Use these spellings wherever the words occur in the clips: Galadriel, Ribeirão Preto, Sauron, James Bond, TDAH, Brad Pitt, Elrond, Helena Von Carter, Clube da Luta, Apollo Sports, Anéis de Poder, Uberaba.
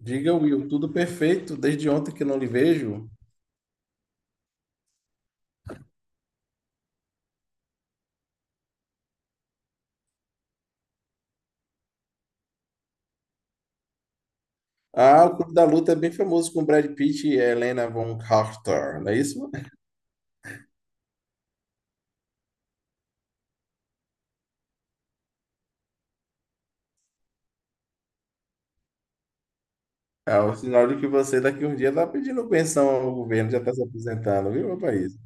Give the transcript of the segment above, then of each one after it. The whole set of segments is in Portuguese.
Diga, Will, tudo perfeito, desde ontem que não lhe vejo. Ah, o Clube da Luta é bem famoso com Brad Pitt e Helena Von Carter, não é isso? É o sinal de que você daqui a um dia está pedindo pensão ao governo, já está se aposentando, viu, meu país?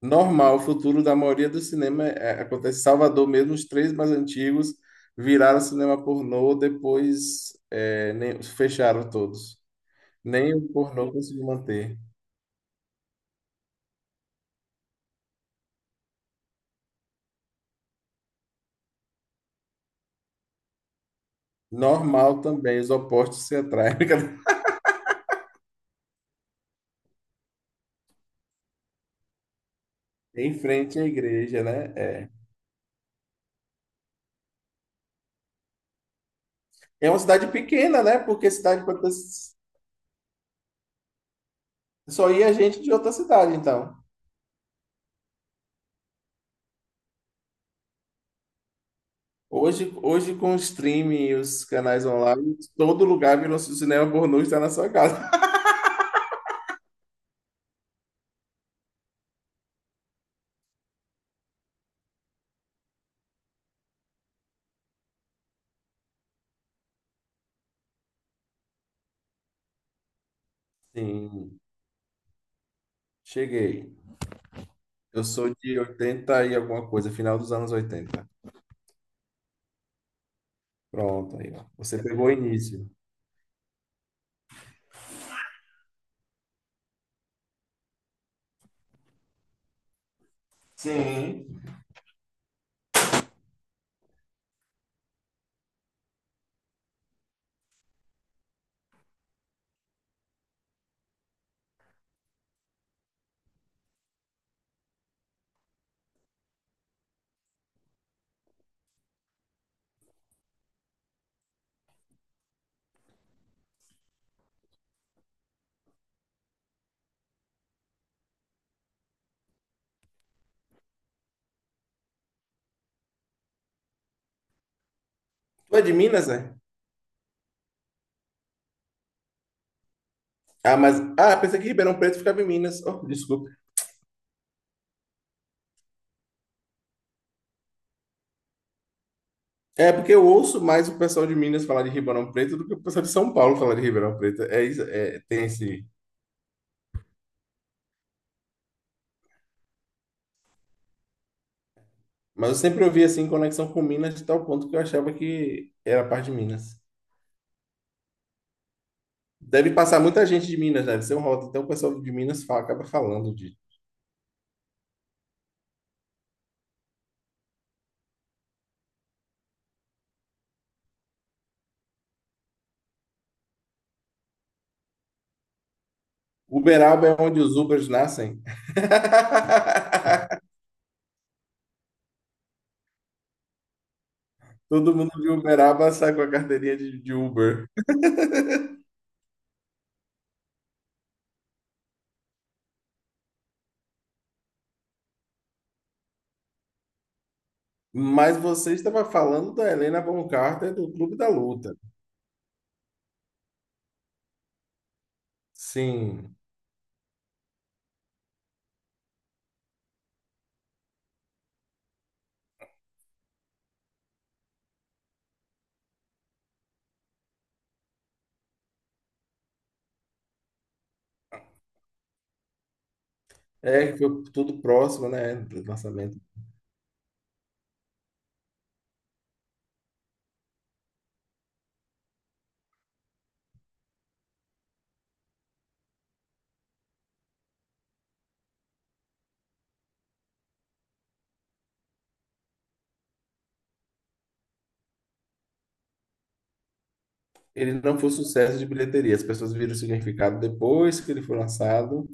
Normal, o futuro da maioria do cinema acontece em Salvador mesmo, os três mais antigos viraram cinema pornô, depois fecharam todos. Nem o pornô conseguiu manter. Normal também, os opostos se atraem. Em frente à igreja, né? É. É uma cidade pequena, né? Porque só ia gente de outra cidade, então. Hoje com o streaming e os canais online, todo lugar virou cinema pornô e está na sua casa. Sim, cheguei. Eu sou de 80 e alguma coisa, final dos anos 80. Pronto, aí, ó. Você pegou o início. Sim. Tu é de Minas, né? Ah, pensei que Ribeirão Preto ficava em Minas. Oh, desculpa. É porque eu ouço mais o pessoal de Minas falar de Ribeirão Preto do que o pessoal de São Paulo falar de Ribeirão Preto. É, tem esse. Mas eu sempre ouvi assim conexão com Minas de tal ponto que eu achava que era parte de Minas. Deve passar muita gente de Minas, né? Deve ser um rota. Então o pessoal de Minas fala, acaba falando de. Uberaba é onde os Ubers nascem. Todo mundo de Uberaba sai com a carteirinha de Uber. Mas você estava falando da Helena Boncarter do Clube da Luta. Sim. É, que foi tudo próximo, né, do lançamento. Ele não foi um sucesso de bilheteria. As pessoas viram o significado depois que ele foi lançado.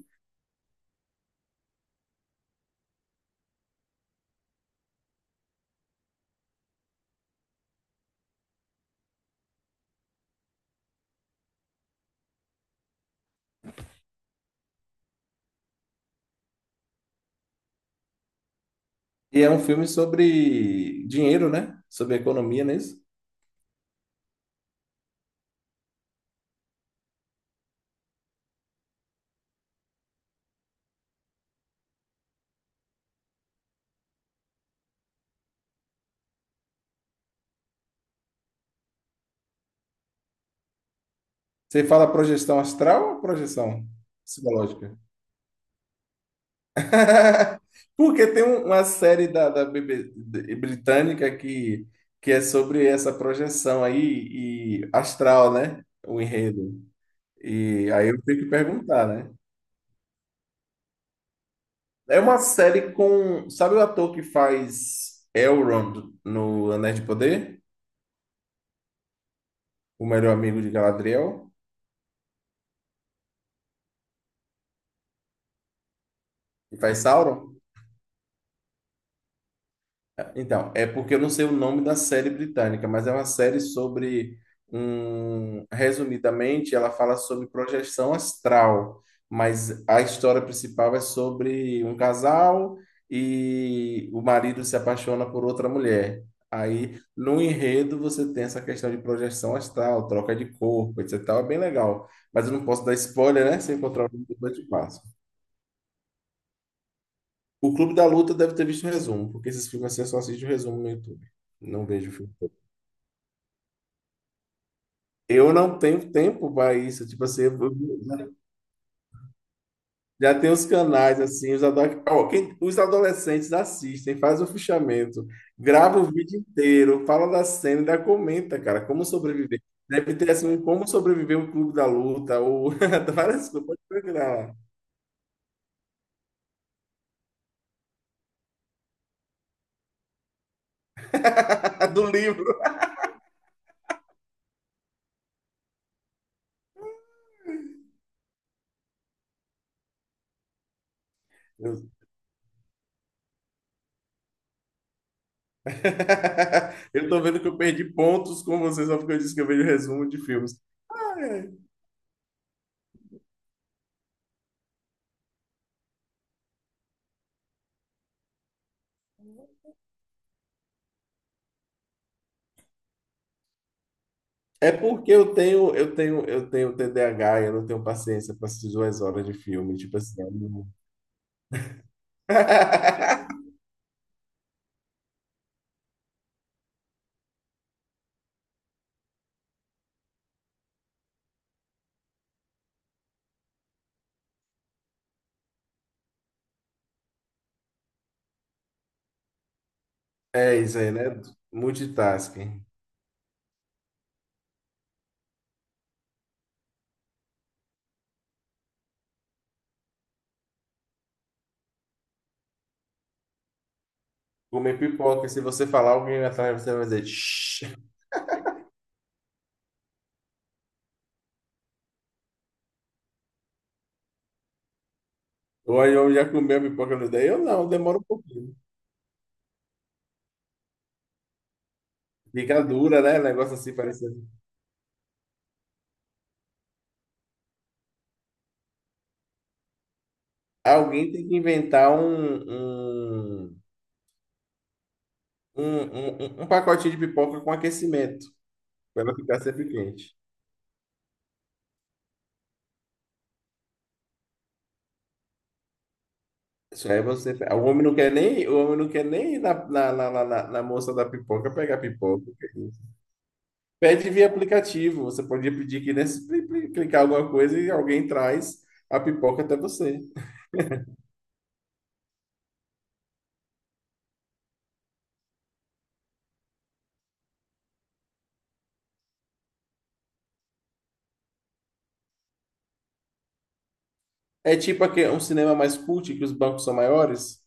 E é um filme sobre dinheiro, né? Sobre economia, não é isso? Você fala projeção astral ou projeção psicológica? Porque tem uma série da BB britânica que é sobre essa projeção aí e astral, né? O enredo. E aí eu tenho que perguntar, né? É uma série com. Sabe o ator que faz Elrond no Anéis de Poder? O melhor amigo de Galadriel? Que faz Sauron? Então, é porque eu não sei o nome da série britânica, mas é uma série sobre resumidamente, ela fala sobre projeção astral, mas a história principal é sobre um casal e o marido se apaixona por outra mulher. Aí, no enredo, você tem essa questão de projeção astral, troca de corpo, etc. e tal, é bem legal. Mas eu não posso dar spoiler, né? Se eu encontrar o filme, depois eu te passo. O Clube da Luta deve ter visto o resumo, porque esses filmes assim eu só assisto o resumo no YouTube. Não vejo o filme. Eu não tenho tempo para isso. Tipo assim, já, já tem os canais assim, os adolescentes assistem, faz o fichamento, grava o vídeo inteiro, fala da cena, ainda comenta, cara, como sobreviver. Deve ter assim, um como sobreviver um clube da luta, ou várias coisas, pode procurar lá. Do livro. Eu eu tô vendo que eu perdi pontos com vocês só porque eu disse que eu vejo resumo de filmes. Ah, é. É porque eu tenho TDAH, eu não tenho paciência para assistir 2 horas de filme, tipo assim. Eu não- É isso aí, né? Multitasking. Comer pipoca, se você falar, alguém atrás de você vai dizer, shh. Ou aí eu já comeu a pipoca no dia? Eu não, demora um pouquinho. Fica dura, né? Negócio assim, parecendo. Alguém tem que inventar um, um pacotinho de pipoca com aquecimento, para ela ficar sempre quente. Só é você. O homem não quer nem, o homem não quer nem ir na moça da pipoca pegar pipoca. Que é isso. Pede via aplicativo. Você podia pedir que nesse clicar alguma coisa e alguém traz a pipoca até você. É tipo aqui, um cinema mais cult, que os bancos são maiores.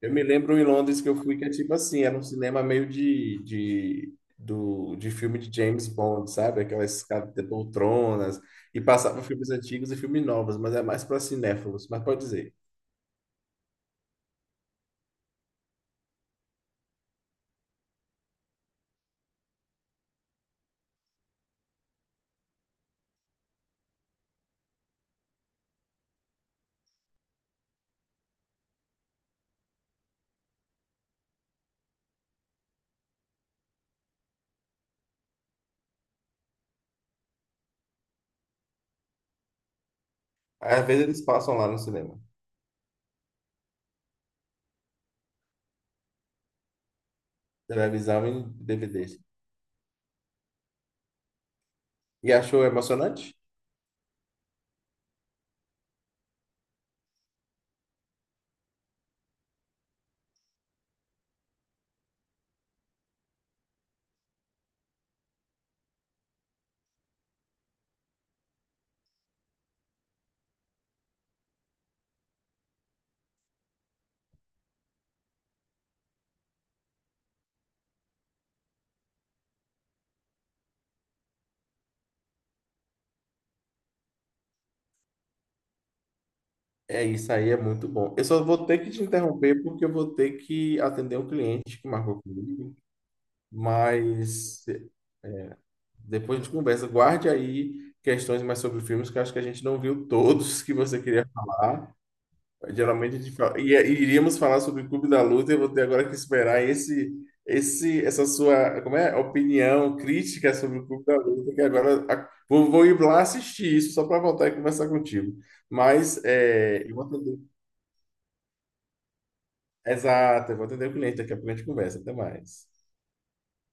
Eu me lembro em Londres que eu fui que é tipo assim, era um cinema meio de filme de James Bond, sabe? Aquelas escadas de poltronas, e passava filmes antigos e filmes novos, mas é mais para cinéfilos, mas pode dizer. Às vezes eles passam lá no cinema, televisão e DVD. E achou emocionante? É isso aí, é muito bom. Eu só vou ter que te interromper porque eu vou ter que atender um cliente que marcou comigo, mas depois a gente conversa. Guarde aí questões mais sobre filmes que eu acho que a gente não viu todos que você queria falar. Geralmente a gente fala, e iríamos falar sobre o Clube da Luta, eu vou ter agora que esperar essa sua, como é, opinião crítica sobre o Clube da Luta, que agora vou ir lá assistir isso só para voltar e conversar contigo. Mas é, eu vou atender. Exato, eu vou atender o cliente, daqui a pouco a gente conversa. Até mais.